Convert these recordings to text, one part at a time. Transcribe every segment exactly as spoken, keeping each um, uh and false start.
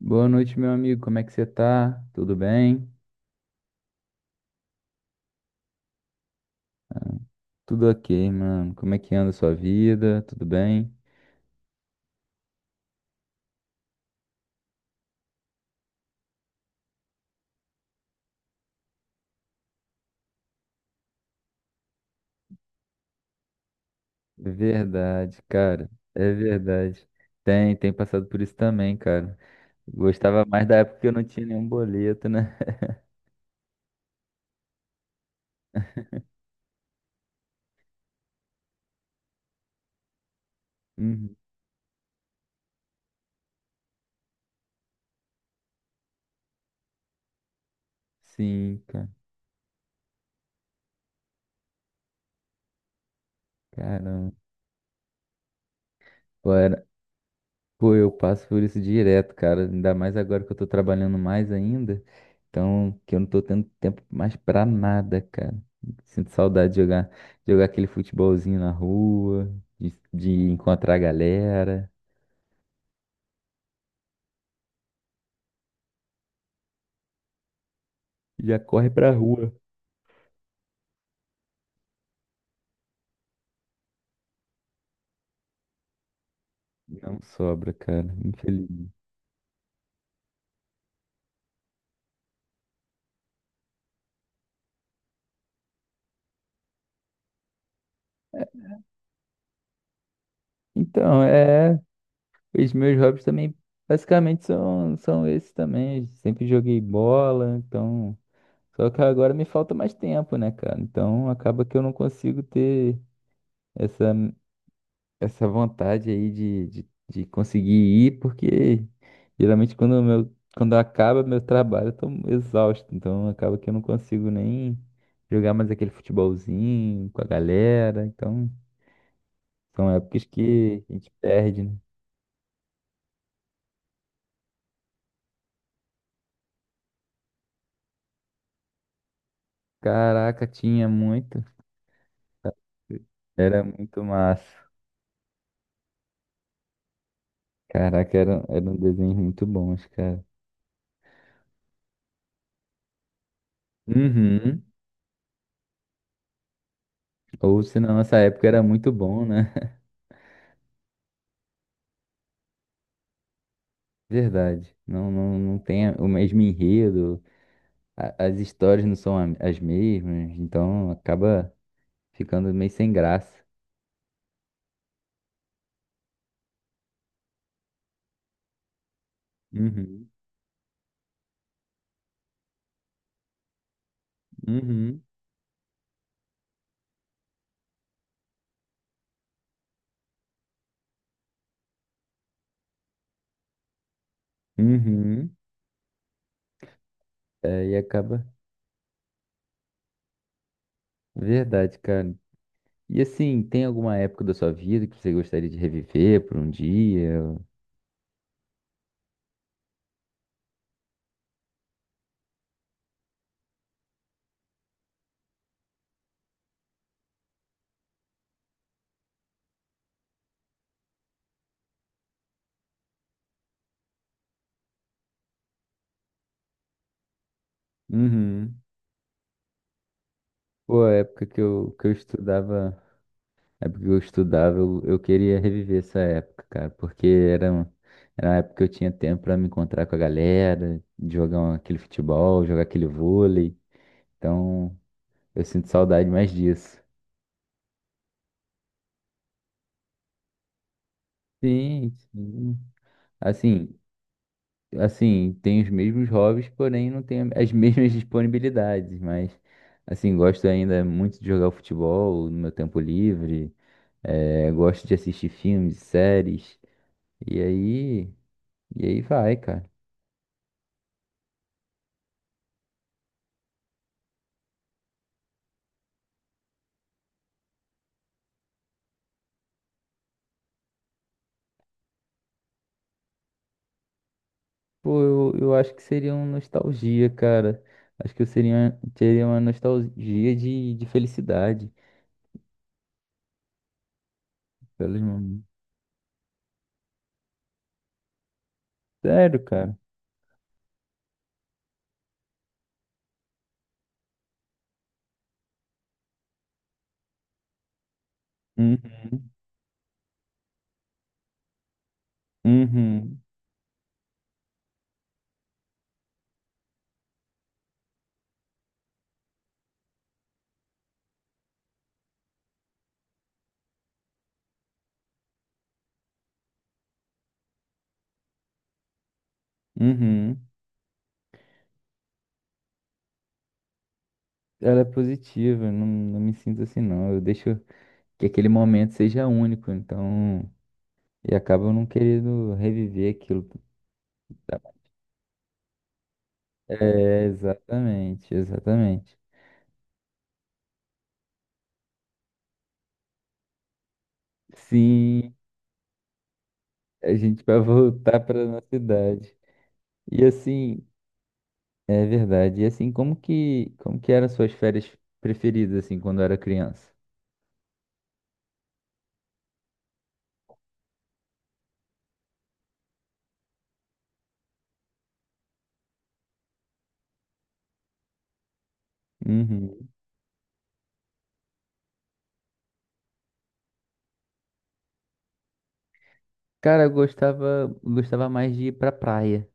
Boa noite, meu amigo. Como é que você tá? Tudo bem? Tudo ok, mano. Como é que anda a sua vida? Tudo bem? Verdade, cara. É verdade. Tem, tem passado por isso também, cara. Gostava mais da época que eu não tinha nenhum boleto, né? Uhum. Sim, cara. Caramba. Pô, era- Pô, eu passo por isso direto, cara. Ainda mais agora que eu tô trabalhando mais ainda. Então, que eu não tô tendo tempo mais pra nada, cara. Sinto saudade de jogar, jogar aquele futebolzinho na rua, de, de encontrar a galera. Já corre pra rua. Não sobra, cara. Infeliz. Então, é. Os meus hobbies também, basicamente, são, são esses também. Sempre joguei bola, então. Só que agora me falta mais tempo, né, cara? Então, acaba que eu não consigo ter essa. Essa vontade aí de, de, de conseguir ir, porque geralmente quando o meu, quando acaba meu trabalho, eu tô exausto, então acaba que eu não consigo nem jogar mais aquele futebolzinho com a galera, então são épocas que a gente perde, né? Caraca, tinha muito, era muito massa. Caraca, era, era um desenho muito bom, cara. Uhum. Ou se na nossa época era muito bom, né? Verdade. Não, não, não tem o mesmo enredo. a- as histórias não são a- as mesmas, então acaba ficando meio sem graça. Uhum, uhum, uhum. É, e acaba. Verdade, cara. E assim, tem alguma época da sua vida que você gostaria de reviver por um dia? Uhum. Pô, a época que eu, que eu estudava, a época que eu estudava, eu, eu queria reviver essa época, cara, porque era, um- era uma época que eu tinha tempo pra me encontrar com a galera, de jogar um- aquele futebol, jogar aquele vôlei. Então, eu sinto saudade mais disso. Sim, sim. Assim, assim, tem os mesmos hobbies, porém não tem as mesmas disponibilidades, mas assim, gosto ainda muito de jogar futebol no meu tempo livre, eh, gosto de assistir filmes, séries, e aí, e aí vai, cara. Pô, eu, eu acho que seria uma nostalgia, cara. Acho que eu seria, teria uma nostalgia de, de felicidade. Pelos momentos. Sério, cara. Uhum, uhum, uhum. Ela é positiva, não, não me sinto assim não. Eu deixo que aquele momento seja único, então. E acaba eu não querendo reviver aquilo. É, exatamente, exatamente. Sim, a gente vai voltar para nossa idade. E assim, é verdade. E assim, como que, como que eram suas férias preferidas assim quando era criança? Uhum. Cara, eu gostava, gostava mais de ir pra praia.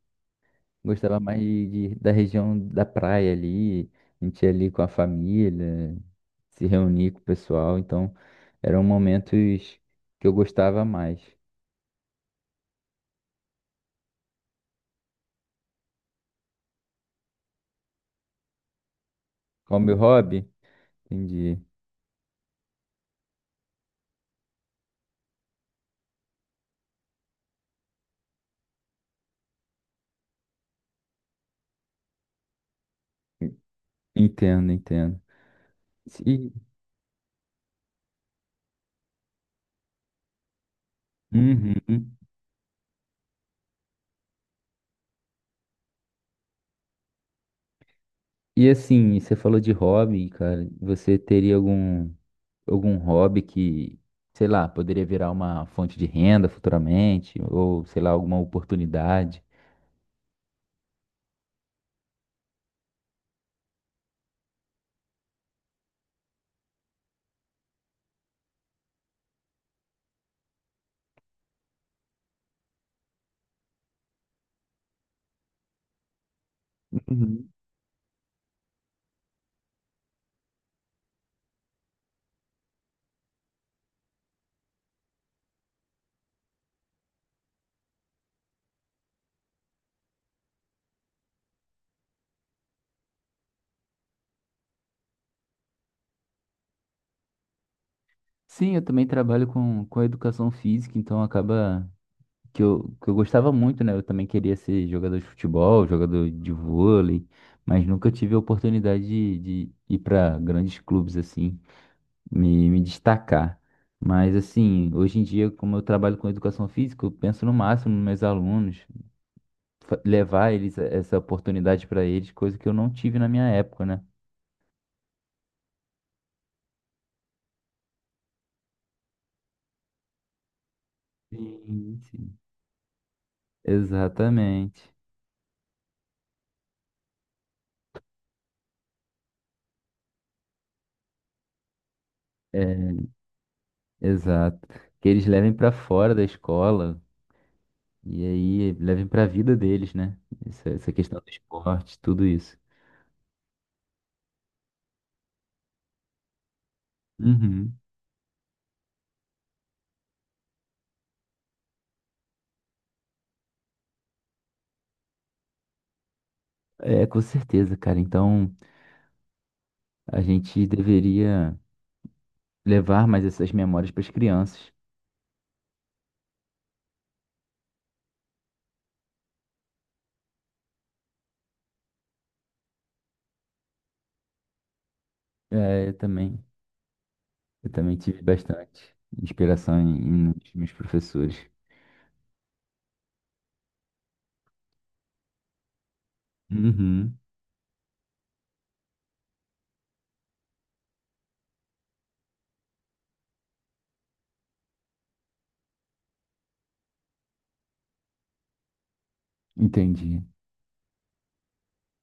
Gostava mais de, de- da região da praia ali, a gente ia ali com a família, se reunir com o pessoal, então eram momentos que eu gostava mais. Como meu hobby? Entendi. Entendo, entendo. E, uhum. E assim, você falou de hobby, cara, você teria algum, algum hobby que, sei lá, poderia virar uma fonte de renda futuramente, ou sei lá, alguma oportunidade? Sim, eu também trabalho com, com educação física, então acaba que eu, que eu gostava muito, né? Eu também queria ser jogador de futebol, jogador de vôlei, mas nunca tive a oportunidade de, de ir para grandes clubes assim, me, me destacar. Mas assim, hoje em dia, como eu trabalho com educação física, eu penso no máximo nos meus alunos, fa- levar eles essa oportunidade para eles, coisa que eu não tive na minha época, né? Sim, sim. Exatamente. É, exato. Que eles levem pra fora da escola e aí levem pra vida deles, né? Essa, essa questão do esporte, tudo isso. Uhum. É, com certeza, cara. Então a gente deveria levar mais essas memórias para as crianças. É, eu também. Eu também tive bastante inspiração em, em nos meus professores. Uhum. Entendi.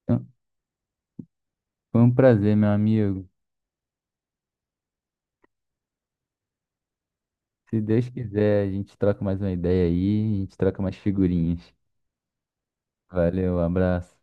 Então, foi um prazer, meu amigo. Se Deus quiser, a gente troca mais uma ideia aí, a gente troca mais figurinhas. Valeu, abraço.